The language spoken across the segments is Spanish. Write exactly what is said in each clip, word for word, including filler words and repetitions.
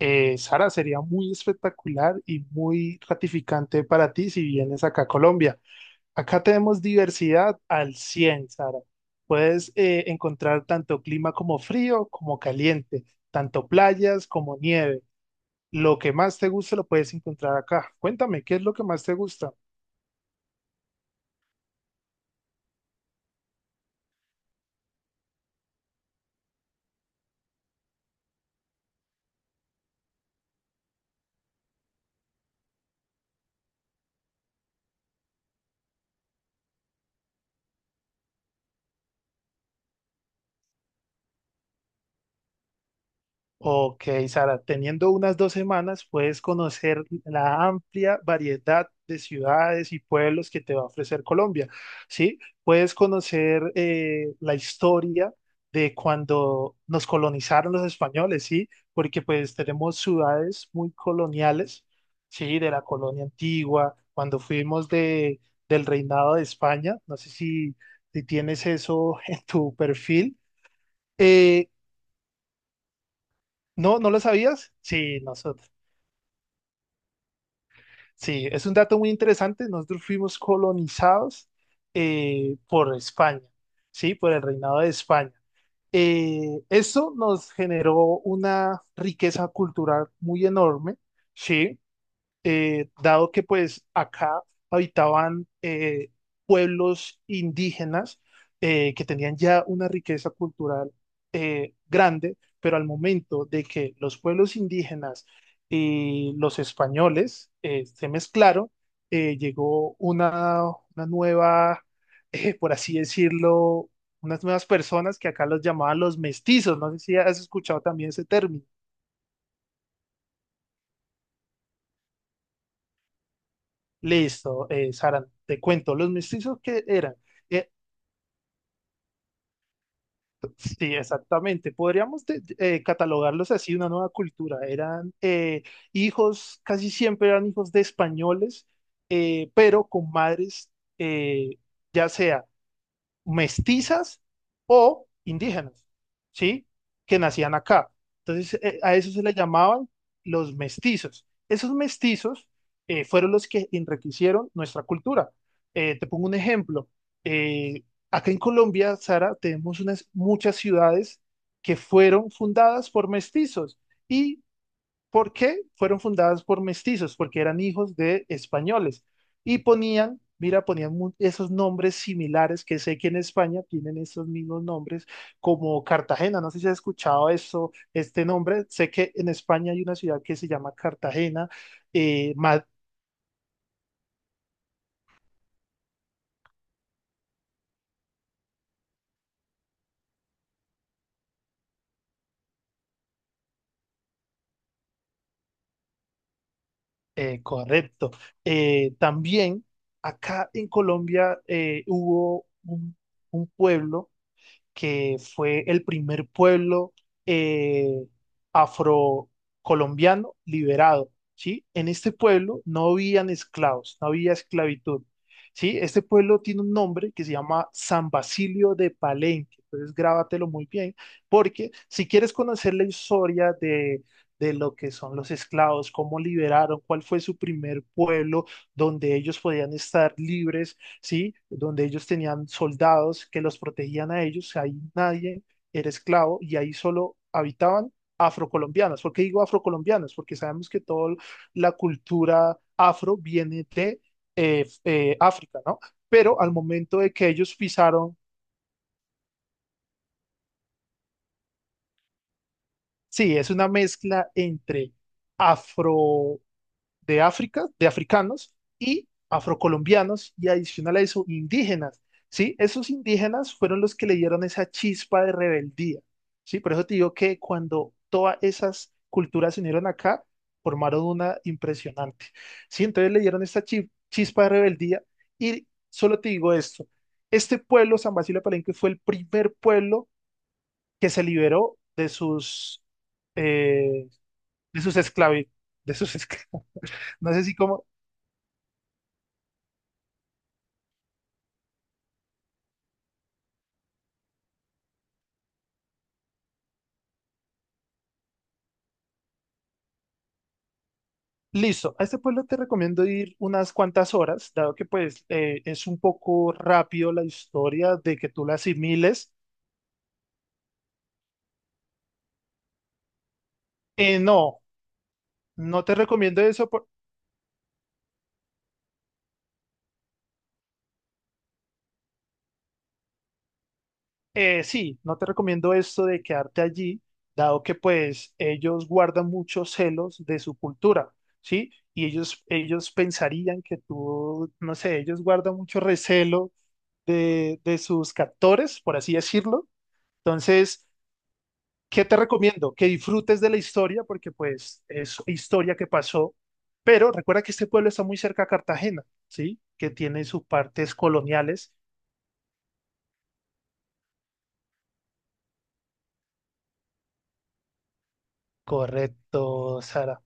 Eh, Sara, sería muy espectacular y muy gratificante para ti si vienes acá a Colombia. Acá tenemos diversidad al cien, Sara. Puedes eh, encontrar tanto clima como frío, como caliente, tanto playas como nieve. Lo que más te guste lo puedes encontrar acá. Cuéntame, ¿qué es lo que más te gusta? Ok, Sara, teniendo unas dos semanas puedes conocer la amplia variedad de ciudades y pueblos que te va a ofrecer Colombia, ¿sí? Puedes conocer eh, la historia de cuando nos colonizaron los españoles, ¿sí? Porque pues tenemos ciudades muy coloniales, ¿sí? De la colonia antigua, cuando fuimos de, del reinado de España, no sé si, si tienes eso en tu perfil. Eh, ¿No, no lo sabías? Sí, nosotros. Sí, es un dato muy interesante. Nosotros fuimos colonizados eh, por España, ¿sí? Por el reinado de España. Eh, esto nos generó una riqueza cultural muy enorme, ¿sí? Eh, dado que pues acá habitaban eh, pueblos indígenas eh, que tenían ya una riqueza cultural eh, grande, pero al momento de que los pueblos indígenas y los españoles eh, se mezclaron, eh, llegó una, una nueva, eh, por así decirlo, unas nuevas personas que acá los llamaban los mestizos. No sé si has escuchado también ese término. Listo, eh, Sara, te cuento, los mestizos que eran, eh, sí, exactamente, podríamos de- eh, catalogarlos así, una nueva cultura, eran eh, hijos, casi siempre eran hijos de españoles, eh, pero con madres, eh, ya sea mestizas o indígenas, ¿sí? Que nacían acá. Entonces, eh, a eso se le llamaban los mestizos. Esos mestizos eh, fueron los que enriquecieron nuestra cultura. Eh, te pongo un ejemplo. Eh, Acá en Colombia, Sara, tenemos unas, muchas ciudades que fueron fundadas por mestizos. Y ¿por qué fueron fundadas por mestizos? Porque eran hijos de españoles y ponían, mira, ponían mu- esos nombres similares que sé que en España tienen esos mismos nombres, como Cartagena. No sé si has escuchado eso, este nombre. Sé que en España hay una ciudad que se llama Cartagena. eh, Ma- eh, Correcto. Eh, también acá en Colombia eh, hubo un un pueblo que fue el primer pueblo eh, afrocolombiano liberado, ¿sí? En este pueblo no habían esclavos, no había esclavitud, ¿sí? Este pueblo tiene un nombre que se llama San Basilio de Palenque, entonces grábatelo muy bien, porque si quieres conocer la historia de... De lo que son los esclavos, cómo liberaron, cuál fue su primer pueblo donde ellos podían estar libres, ¿sí? Donde ellos tenían soldados que los protegían a ellos, ahí nadie era esclavo y ahí solo habitaban afrocolombianos. ¿Por qué digo afrocolombianos? Porque sabemos que toda la cultura afro viene de eh, eh, África, ¿no? Pero al momento de que ellos pisaron, sí, es una mezcla entre afro de África, de africanos y afrocolombianos y adicional a eso, indígenas, ¿sí? Esos indígenas fueron los que le dieron esa chispa de rebeldía, ¿sí? Por eso te digo que cuando todas esas culturas se unieron acá, formaron una impresionante, ¿sí? Entonces le dieron esta chi- chispa de rebeldía y solo te digo esto, este pueblo, San Basilio de Palenque, fue el primer pueblo que se liberó de sus, eh, de sus esclavi- de sus esclavos. No sé si como. Listo, a este pueblo te recomiendo ir unas cuantas horas, dado que pues eh, es un poco rápido la historia de que tú la asimiles. Eh, no, no te recomiendo eso, por- eh, sí, no te recomiendo esto de quedarte allí, dado que pues ellos guardan muchos celos de su cultura, ¿sí? Y ellos, ellos pensarían que tú, no sé, ellos guardan mucho recelo de, de sus captores, por así decirlo. Entonces... ¿Qué te recomiendo? Que disfrutes de la historia porque pues es historia que pasó, pero recuerda que este pueblo está muy cerca a Cartagena, ¿sí? Que tiene sus partes coloniales. Correcto, Sara.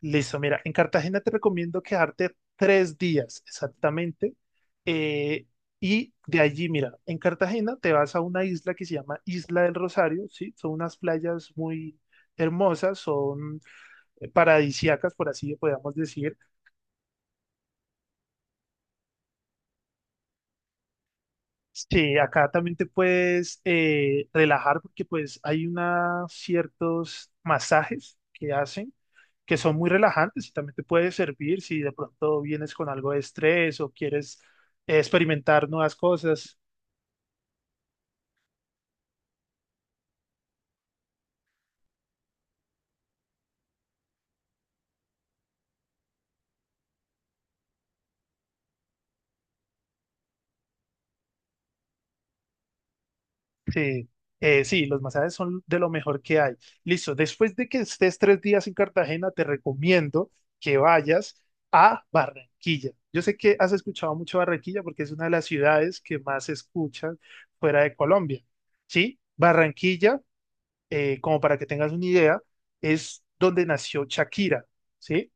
Listo, mira, en Cartagena te recomiendo quedarte tres días exactamente. eh, y de allí, mira, en Cartagena te vas a una isla que se llama Isla del Rosario, ¿sí? Son unas playas muy hermosas, son eh, paradisíacas, por así podemos decir. Sí, acá también te puedes eh, relajar porque pues hay una, ciertos masajes que hacen que son muy relajantes y también te puede servir si de pronto vienes con algo de estrés o quieres eh, experimentar nuevas cosas. Sí, eh, sí, los masajes son de lo mejor que hay. Listo, después de que estés tres días en Cartagena, te recomiendo que vayas a Barranquilla. Yo sé que has escuchado mucho Barranquilla porque es una de las ciudades que más se escuchan fuera de Colombia. Sí, Barranquilla, eh, como para que tengas una idea, es donde nació Shakira, ¿sí?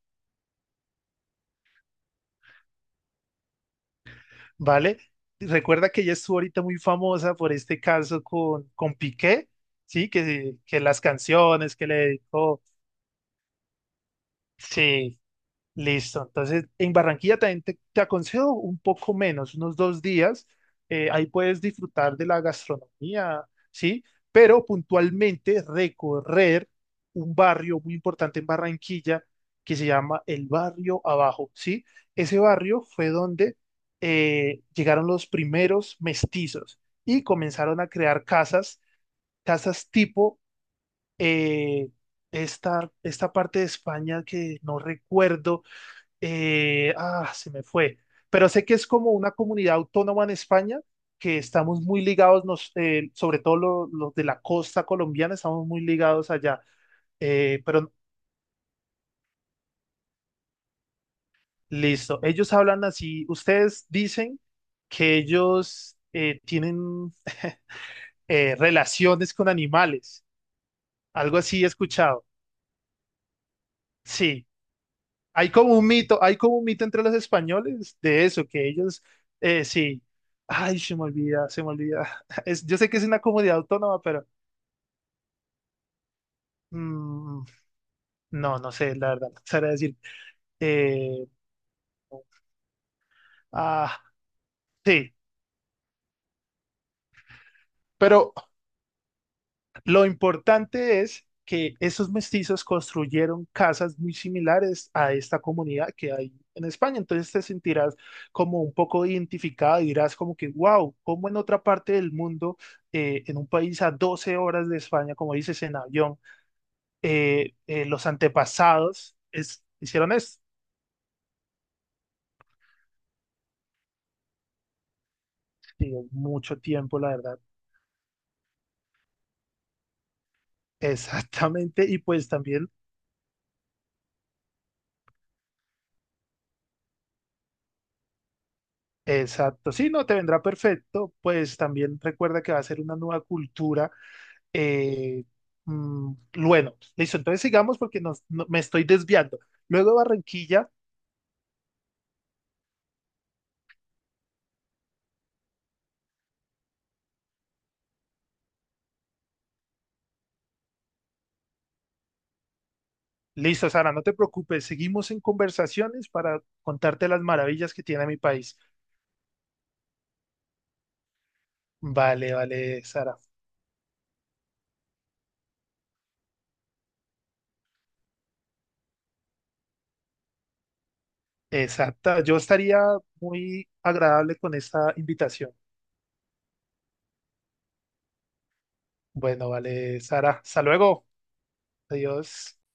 ¿Vale? Recuerda que ella estuvo ahorita muy famosa por este caso con, con Piqué, ¿sí? Que, que las canciones que le dedicó. Sí, listo. Entonces, en Barranquilla también te, te aconsejo un poco menos, unos dos días. Eh, ahí puedes disfrutar de la gastronomía, ¿sí? Pero puntualmente recorrer un barrio muy importante en Barranquilla que se llama el Barrio Abajo, ¿sí? Ese barrio fue donde eh, llegaron los primeros mestizos y comenzaron a crear casas, casas tipo eh, esta, esta parte de España que no recuerdo eh, ah, se me fue. Pero sé que es como una comunidad autónoma en España, que estamos muy ligados, nos, eh, sobre todo lo- los de la costa colombiana, estamos muy ligados allá. Eh, pero listo, ellos hablan así, ustedes dicen que ellos eh, tienen eh, relaciones con animales, algo así he escuchado. Sí. Hay como un mito, hay como un mito entre los españoles de eso, que ellos, eh, sí, ay, se me olvida, se me olvida. Es, yo sé que es una comunidad autónoma, pero mm, no, no sé, la verdad, no sabría decir. Eh, ah, sí, pero lo importante es que esos mestizos construyeron casas muy similares a esta comunidad que hay en España. Entonces te sentirás como un poco identificado y dirás como que, wow, como en otra parte del mundo, eh, en un país a doce horas de España, como dices en avión, eh, eh, los antepasados es- hicieron esto. Sí, mucho tiempo, la verdad. Exactamente. Y pues también... Exacto, sí, no, te vendrá perfecto, pues también recuerda que va a ser una nueva cultura. Eh, mm, bueno, listo, entonces sigamos porque nos- no- me estoy desviando. Luego Barranquilla, listo, Sara, no te preocupes, seguimos en conversaciones para contarte las maravillas que tiene mi país. Vale, vale, Sara. Exacta, yo estaría muy agradable con esta invitación. Bueno, vale, Sara, hasta luego. Adiós.